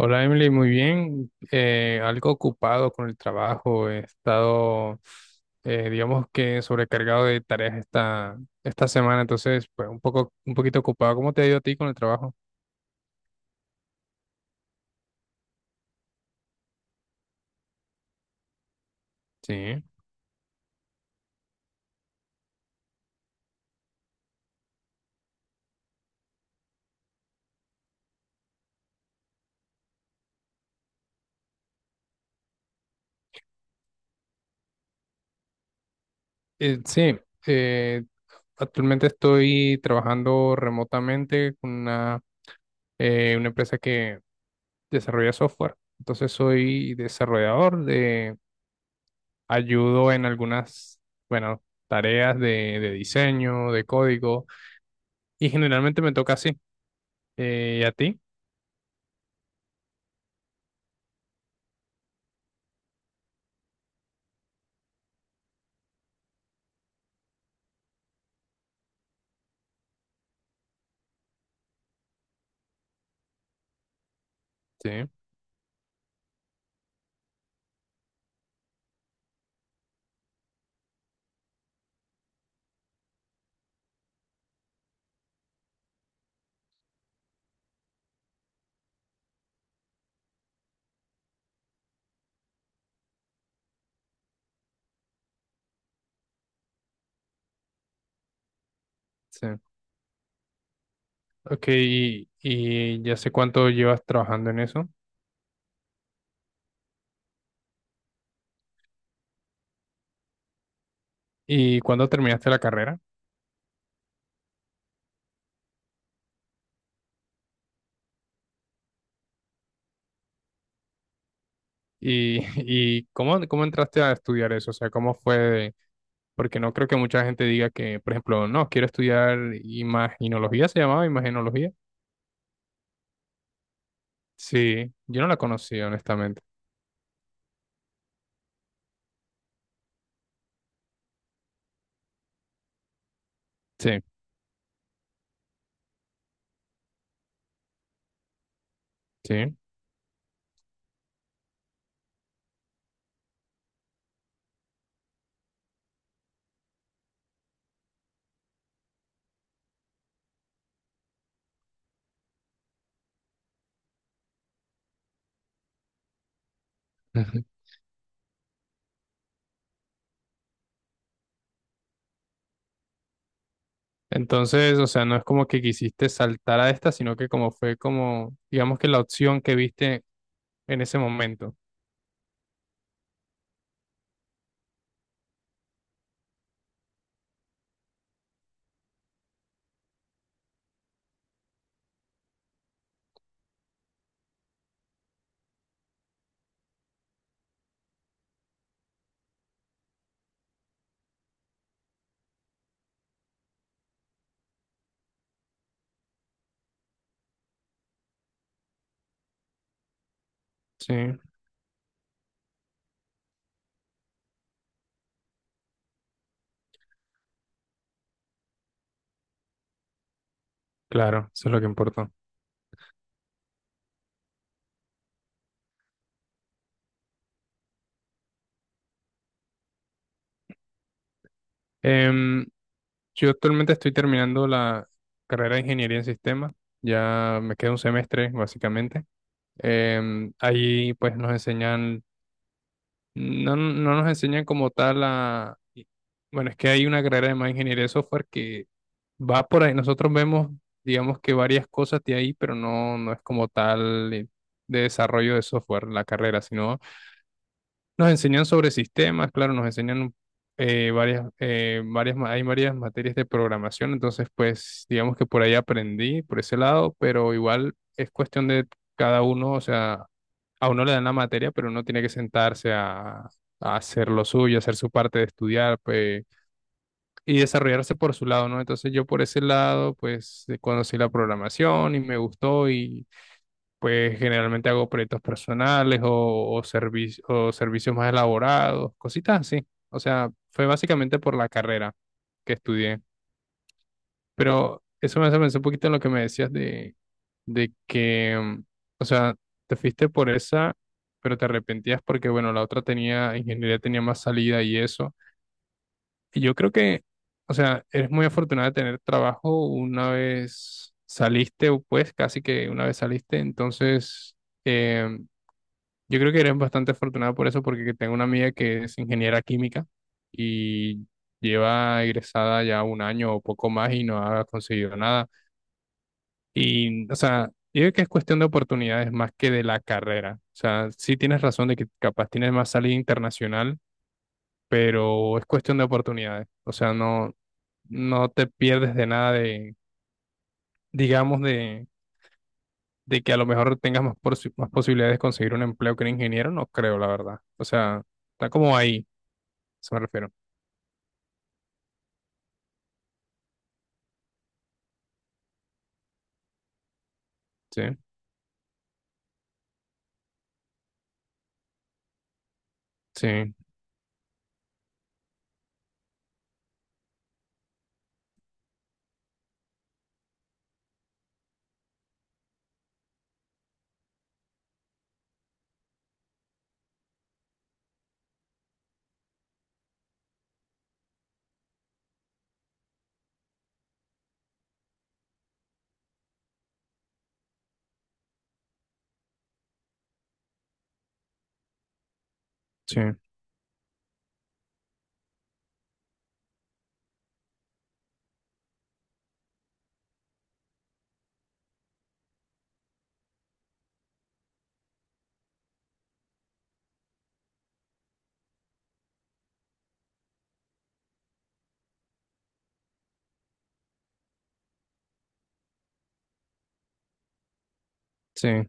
Hola Emily, muy bien. Algo ocupado con el trabajo. He estado, digamos que sobrecargado de tareas esta semana, entonces, pues un poquito ocupado. ¿Cómo te ha ido a ti con el trabajo? Sí. Eh, sí, eh, Actualmente estoy trabajando remotamente con una empresa que desarrolla software. Entonces soy desarrollador de ayudo en bueno, tareas de diseño, de código. Y generalmente me toca así. ¿Y a ti? Sí, sí. Ok, y ya sé cuánto llevas trabajando en eso. ¿Y cuándo terminaste la carrera? ¿Y, y cómo entraste a estudiar eso? O sea, ¿cómo fue? Porque no creo que mucha gente diga que, por ejemplo, no, quiero estudiar imaginología, ¿se llamaba imaginología? Sí, yo no la conocía, honestamente. Sí, sí. Ujú. Entonces, o sea, no es como que quisiste saltar a esta, sino que como fue como, digamos que la opción que viste en ese momento. Sí, claro, eso es lo que importa. Em, yo actualmente estoy terminando la carrera de ingeniería en sistemas. Ya me queda un semestre, básicamente. Ahí pues nos enseñan, no, no nos enseñan como tal a... Bueno, es que hay una carrera de más ingeniería de software que va por ahí. Nosotros vemos, digamos que varias cosas de ahí, pero no, no es como tal de desarrollo de software la carrera, sino... Nos enseñan sobre sistemas, claro, nos enseñan eh, varias, hay varias materias de programación, entonces pues digamos que por ahí aprendí, por ese lado, pero igual es cuestión de cada uno, o sea, a uno le dan la materia, pero uno tiene que sentarse a hacer lo suyo, hacer su parte de estudiar, pues, y desarrollarse por su lado, ¿no? Entonces yo por ese lado, pues conocí la programación y me gustó. Pues generalmente hago proyectos personales o o servicios más elaborados, cositas así. O sea, fue básicamente por la carrera que estudié. Pero eso me hace pensar un poquito en lo que me decías de que, o sea, te fuiste por esa, pero te arrepentías porque, bueno, la otra tenía, ingeniería tenía más salida y eso. Y yo creo o sea, eres muy afortunada de tener trabajo una vez saliste, o pues casi que una vez saliste, entonces... em, Yo creo que eres bastante afortunado por eso, porque tengo una amiga que es ingeniera química y lleva egresada ya un año o poco más y no ha conseguido nada. Y, o sea, yo creo que es cuestión de oportunidades más que de la carrera. O sea, sí tienes razón de que capaz tienes más salida internacional, pero es cuestión de oportunidades. O sea, no te pierdes de nada digamos, de que a lo mejor tengas más posibilidades de conseguir un empleo que un ingeniero, no creo, la verdad. O sea, está como ahí. Eso me refiero. Sí, sí, sí, sí,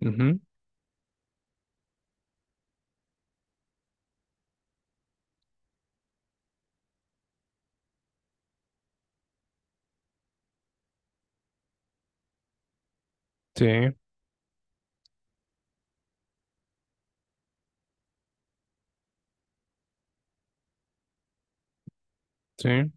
ujú, sí, sí.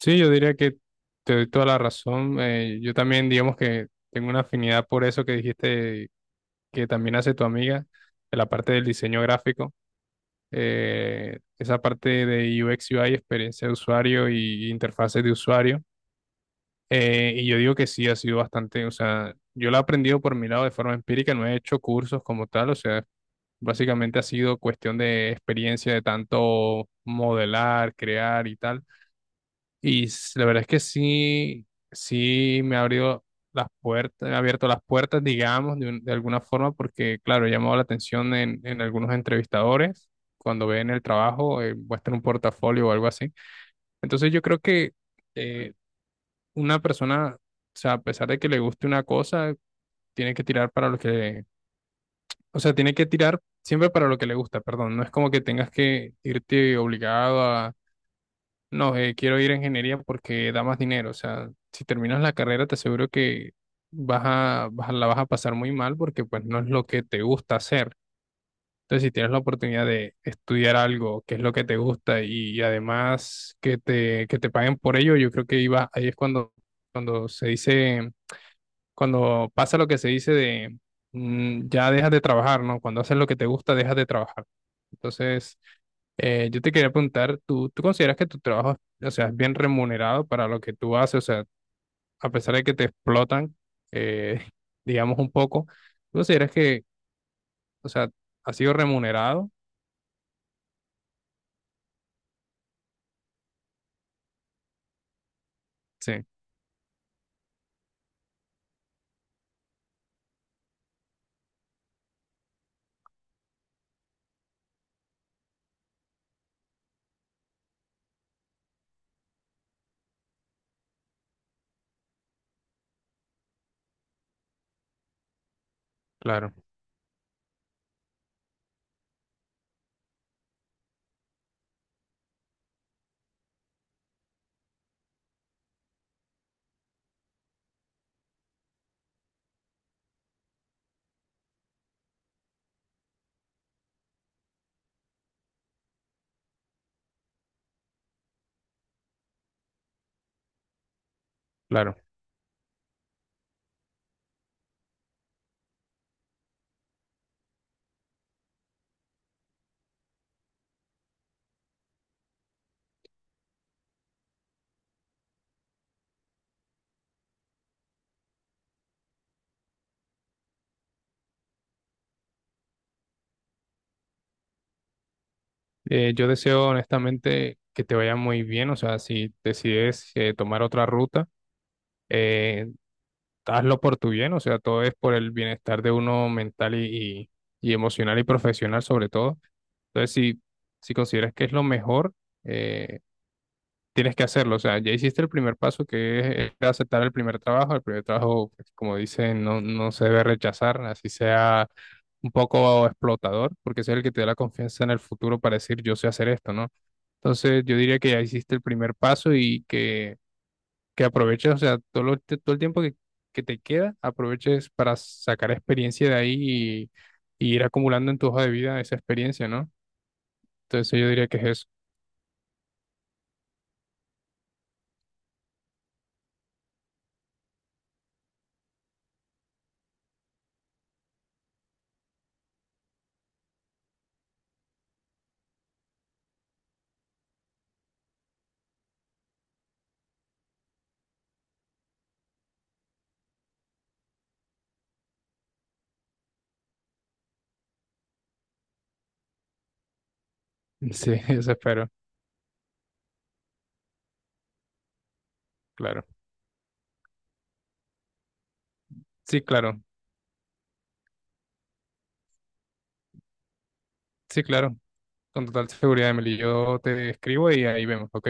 Sí, yo diría que te doy toda la razón. Yo también, digamos que tengo una afinidad por eso que dijiste que también hace tu amiga, de la parte del diseño gráfico, esa parte de UX, UI, experiencia de usuario y interfaces de usuario. Y yo digo que sí, ha sido bastante, o sea, yo lo he aprendido por mi lado de forma empírica, no he hecho cursos como tal, o sea, básicamente ha sido cuestión de experiencia, de tanto modelar, crear y tal. Y la verdad es que sí, sí me ha abierto las puertas, digamos, de alguna forma, porque claro, he llamado la atención en algunos entrevistadores cuando ven el trabajo, muestran un portafolio o algo así. Entonces yo creo que... eh, una persona, o sea, a pesar de que le guste una cosa, tiene que tirar para lo que, o sea, tiene que tirar siempre para lo que le gusta, perdón. No es como que tengas que irte obligado a, no, quiero ir a ingeniería porque da más dinero. O sea, si terminas la carrera, te aseguro que la vas a pasar muy mal porque pues no es lo que te gusta hacer. Entonces, si tienes la oportunidad de estudiar algo que es lo que te gusta y, además que que te paguen por ello, yo creo que iba, ahí es cuando se dice cuando pasa lo que se dice de mm, ya dejas de trabajar, ¿no? Cuando haces lo que te gusta, dejas de trabajar. Entonces, yo te quería preguntar, tú consideras que tu trabajo, o sea, es bien remunerado para lo que tú haces? O sea, a pesar de que te explotan, eh, digamos un poco, ¿tú consideras que, o sea, ha sido remunerado? Sí, claro, claro. Yo deseo honestamente que te vaya muy bien, o sea, si decides tomar otra ruta, eh, hazlo por tu bien, o sea, todo es por el bienestar de uno mental y y emocional y profesional sobre todo. Entonces, si consideras que es lo mejor, eh, tienes que hacerlo. O sea, ya hiciste el primer paso, que es aceptar el primer trabajo. El primer trabajo, pues, como dicen, no se debe rechazar, así sea un poco explotador, porque ese es el que te da la confianza en el futuro para decir, yo sé hacer esto, ¿no? Entonces, yo diría que ya hiciste el primer paso y que aproveches, o sea, todo el tiempo que te queda, aproveches para sacar experiencia de ahí y, y ir acumulando en tu hoja de vida esa experiencia, ¿no? Entonces yo diría que es eso. Sí, eso espero, claro. Sí, sí, claro, con total seguridad, Emily. Yo te escribo y ahí vemos, ¿ok?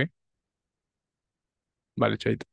Vale, chaito.